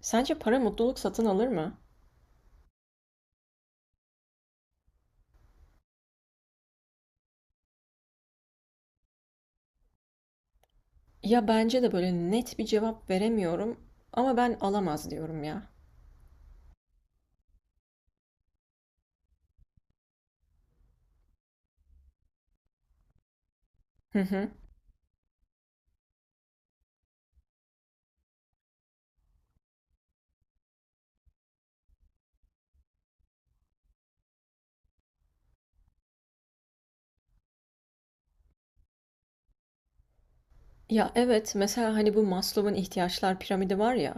Sence para mutluluk satın alır mı? Ya bence de böyle net bir cevap veremiyorum ama ben alamaz diyorum ya. Hı hı. Ya evet mesela hani bu Maslow'un ihtiyaçlar piramidi var ya.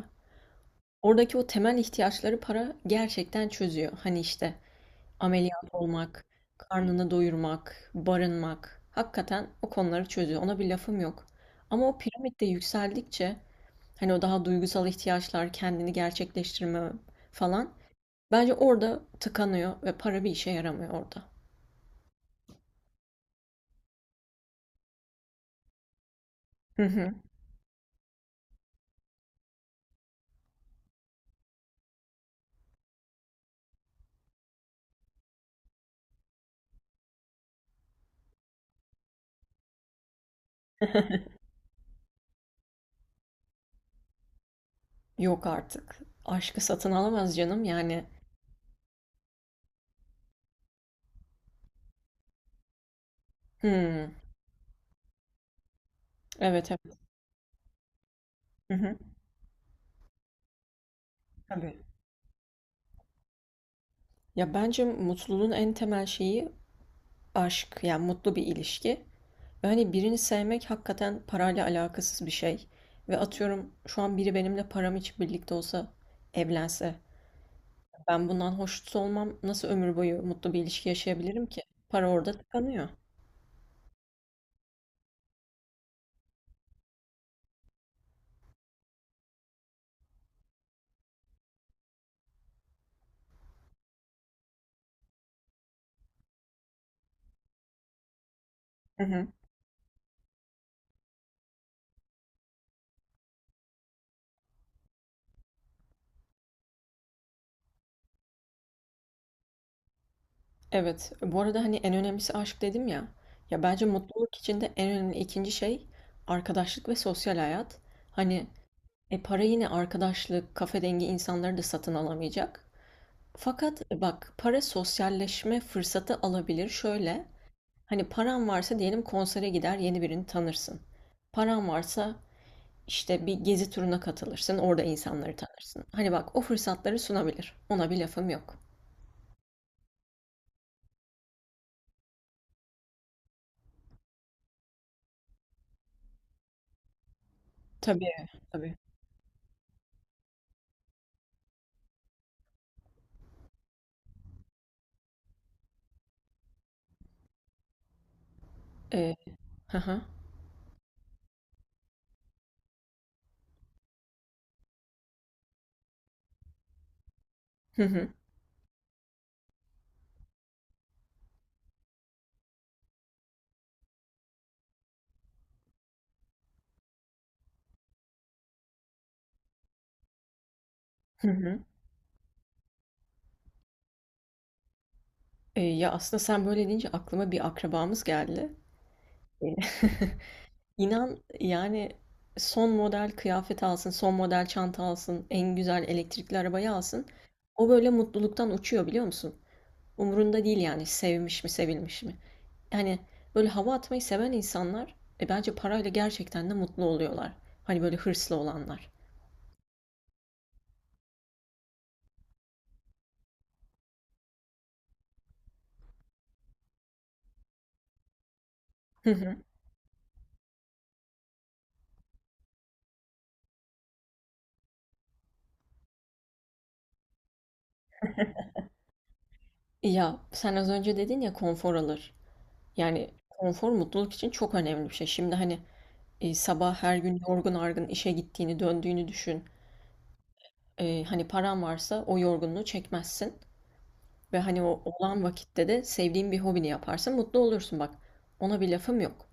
Oradaki o temel ihtiyaçları para gerçekten çözüyor. Hani işte ameliyat olmak, karnını doyurmak, barınmak. Hakikaten o konuları çözüyor. Ona bir lafım yok. Ama o piramitte yükseldikçe hani o daha duygusal ihtiyaçlar, kendini gerçekleştirme falan. Bence orada tıkanıyor ve para bir işe yaramıyor orada. Hı hı. Yok artık. Aşkı satın alamaz canım yani. Hımm. Evet, evet. Hı hı. Tabii. Ya bence mutluluğun en temel şeyi aşk. Yani mutlu bir ilişki. Ve hani birini sevmek hakikaten parayla alakasız bir şey. Ve atıyorum şu an biri benimle param için birlikte olsa, evlense, ben bundan hoşnut olmam. Nasıl ömür boyu mutlu bir ilişki yaşayabilirim ki? Para orada tıkanıyor. Hı hı. Evet. Bu arada, hani, en önemlisi aşk dedim ya. Ya, bence mutluluk içinde en önemli ikinci şey arkadaşlık ve sosyal hayat. Hani, para yine arkadaşlık, kafe dengi insanları da satın alamayacak. Fakat, bak, para sosyalleşme fırsatı alabilir. Şöyle, hani, paran varsa diyelim konsere gider, yeni birini tanırsın. Paran varsa, işte, bir gezi turuna katılırsın, orada insanları tanırsın. Hani, bak, o fırsatları sunabilir. Ona bir lafım yok. Tabii, tabii. Eee Hı hı. Hı hı. Ya aslında sen böyle deyince aklıma bir akrabamız geldi. E, İnan yani son model kıyafet alsın, son model çanta alsın, en güzel elektrikli arabayı alsın. O böyle mutluluktan uçuyor biliyor musun? Umurunda değil yani sevmiş mi, sevilmiş mi? Yani böyle hava atmayı seven insanlar bence parayla gerçekten de mutlu oluyorlar. Hani böyle hırslı olanlar. Hı hı. Ya sen az önce dedin ya konfor alır. Yani konfor mutluluk için çok önemli bir şey. Şimdi hani sabah her gün yorgun argın işe gittiğini, döndüğünü düşün. Hani paran varsa o yorgunluğu çekmezsin ve hani o olan vakitte de sevdiğin bir hobini yaparsın, mutlu olursun bak. Ona bir lafım yok.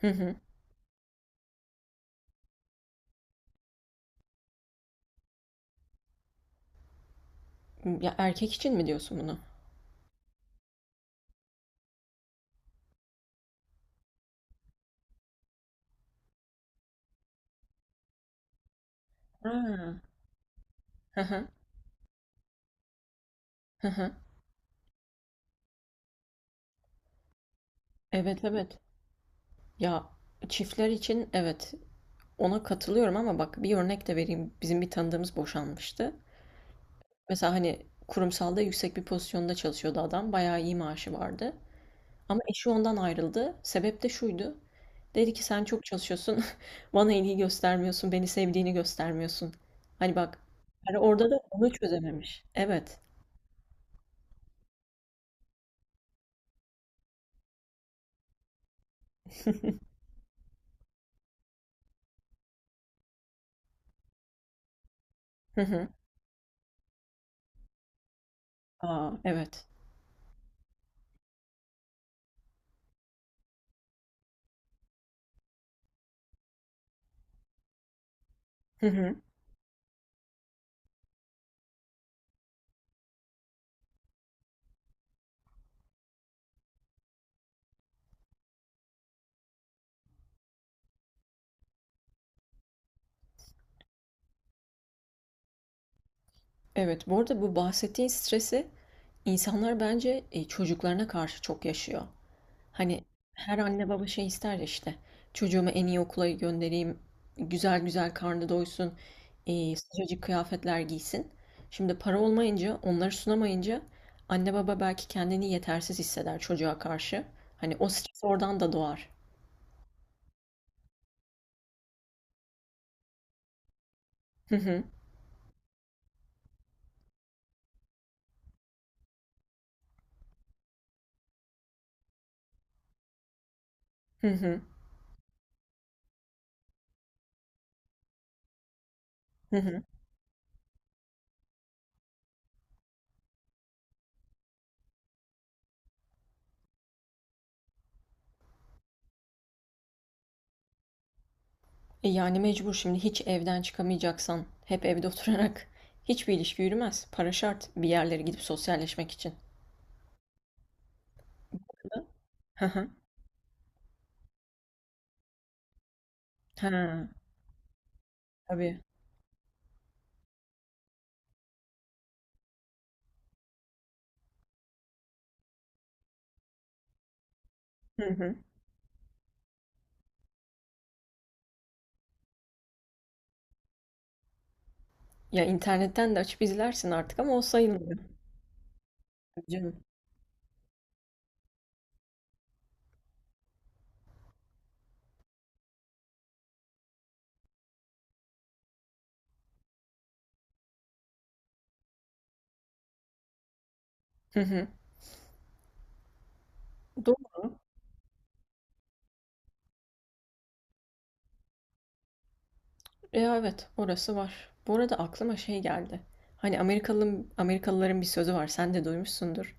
Hı hı. Ya erkek için mi diyorsun bunu? Ha. Hı hı. Hı hı. Evet evet. Ya çiftler için evet ona katılıyorum ama bak bir örnek de vereyim. Bizim bir tanıdığımız boşanmıştı. Mesela hani kurumsalda yüksek bir pozisyonda çalışıyordu adam. Bayağı iyi maaşı vardı. Ama eşi ondan ayrıldı. Sebep de şuydu. Dedi ki sen çok çalışıyorsun. Bana ilgi göstermiyorsun. Beni sevdiğini göstermiyorsun. Hani bak. Hani orada da onu çözememiş. Evet. Hı hı. Aa, evet. Hı hı. Evet. Bu arada bu bahsettiğin stresi insanlar bence çocuklarına karşı çok yaşıyor. Hani her anne baba şey ister ya işte çocuğumu en iyi okula göndereyim, güzel güzel karnı doysun, sıcacık kıyafetler giysin. Şimdi para olmayınca, onları sunamayınca anne baba belki kendini yetersiz hisseder çocuğa karşı. Hani o stres oradan da doğar. Hı hı, hı hı, hı hı. E yani mecbur şimdi hiç evden çıkamayacaksan, hep evde oturarak hiçbir ilişki yürümez. Para şart bir yerlere gidip sosyalleşmek için. Hı hı. Ha, tabii. Hı hı. Ya internetten de açıp izlersin artık ama o sayılmıyor. Tabii Canım. Hı hı. Doğru. Ya evet, orası var. Bu arada aklıma şey geldi. Hani Amerikalı, Amerikalıların bir sözü var, sen de duymuşsundur.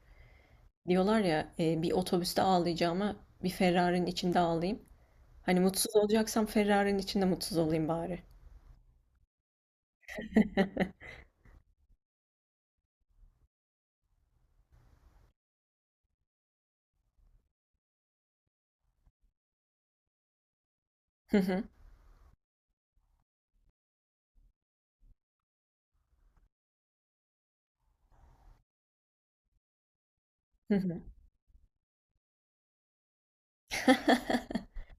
Diyorlar ya, bir otobüste ağlayacağıma bir Ferrari'nin içinde ağlayayım. Hani mutsuz olacaksam Ferrari'nin içinde mutsuz olayım bari. Hı hı. Hı hı.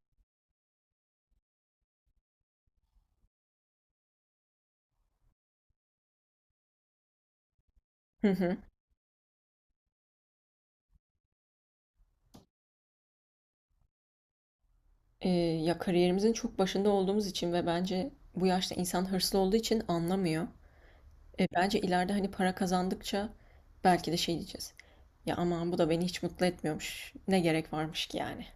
Hı hı. Ya kariyerimizin çok başında olduğumuz için ve bence bu yaşta insan hırslı olduğu için anlamıyor. Bence ileride hani para kazandıkça belki de şey diyeceğiz. Ya aman bu da beni hiç mutlu etmiyormuş. Ne gerek varmış ki yani.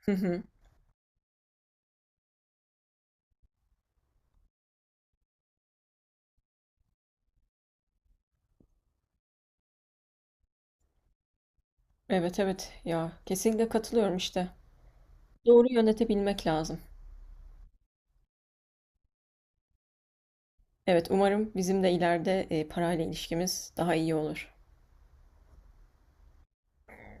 Hı hı. Evet evet ya kesinlikle katılıyorum işte. Doğru yönetebilmek lazım. Evet umarım bizim de ileride parayla ilişkimiz daha iyi olur.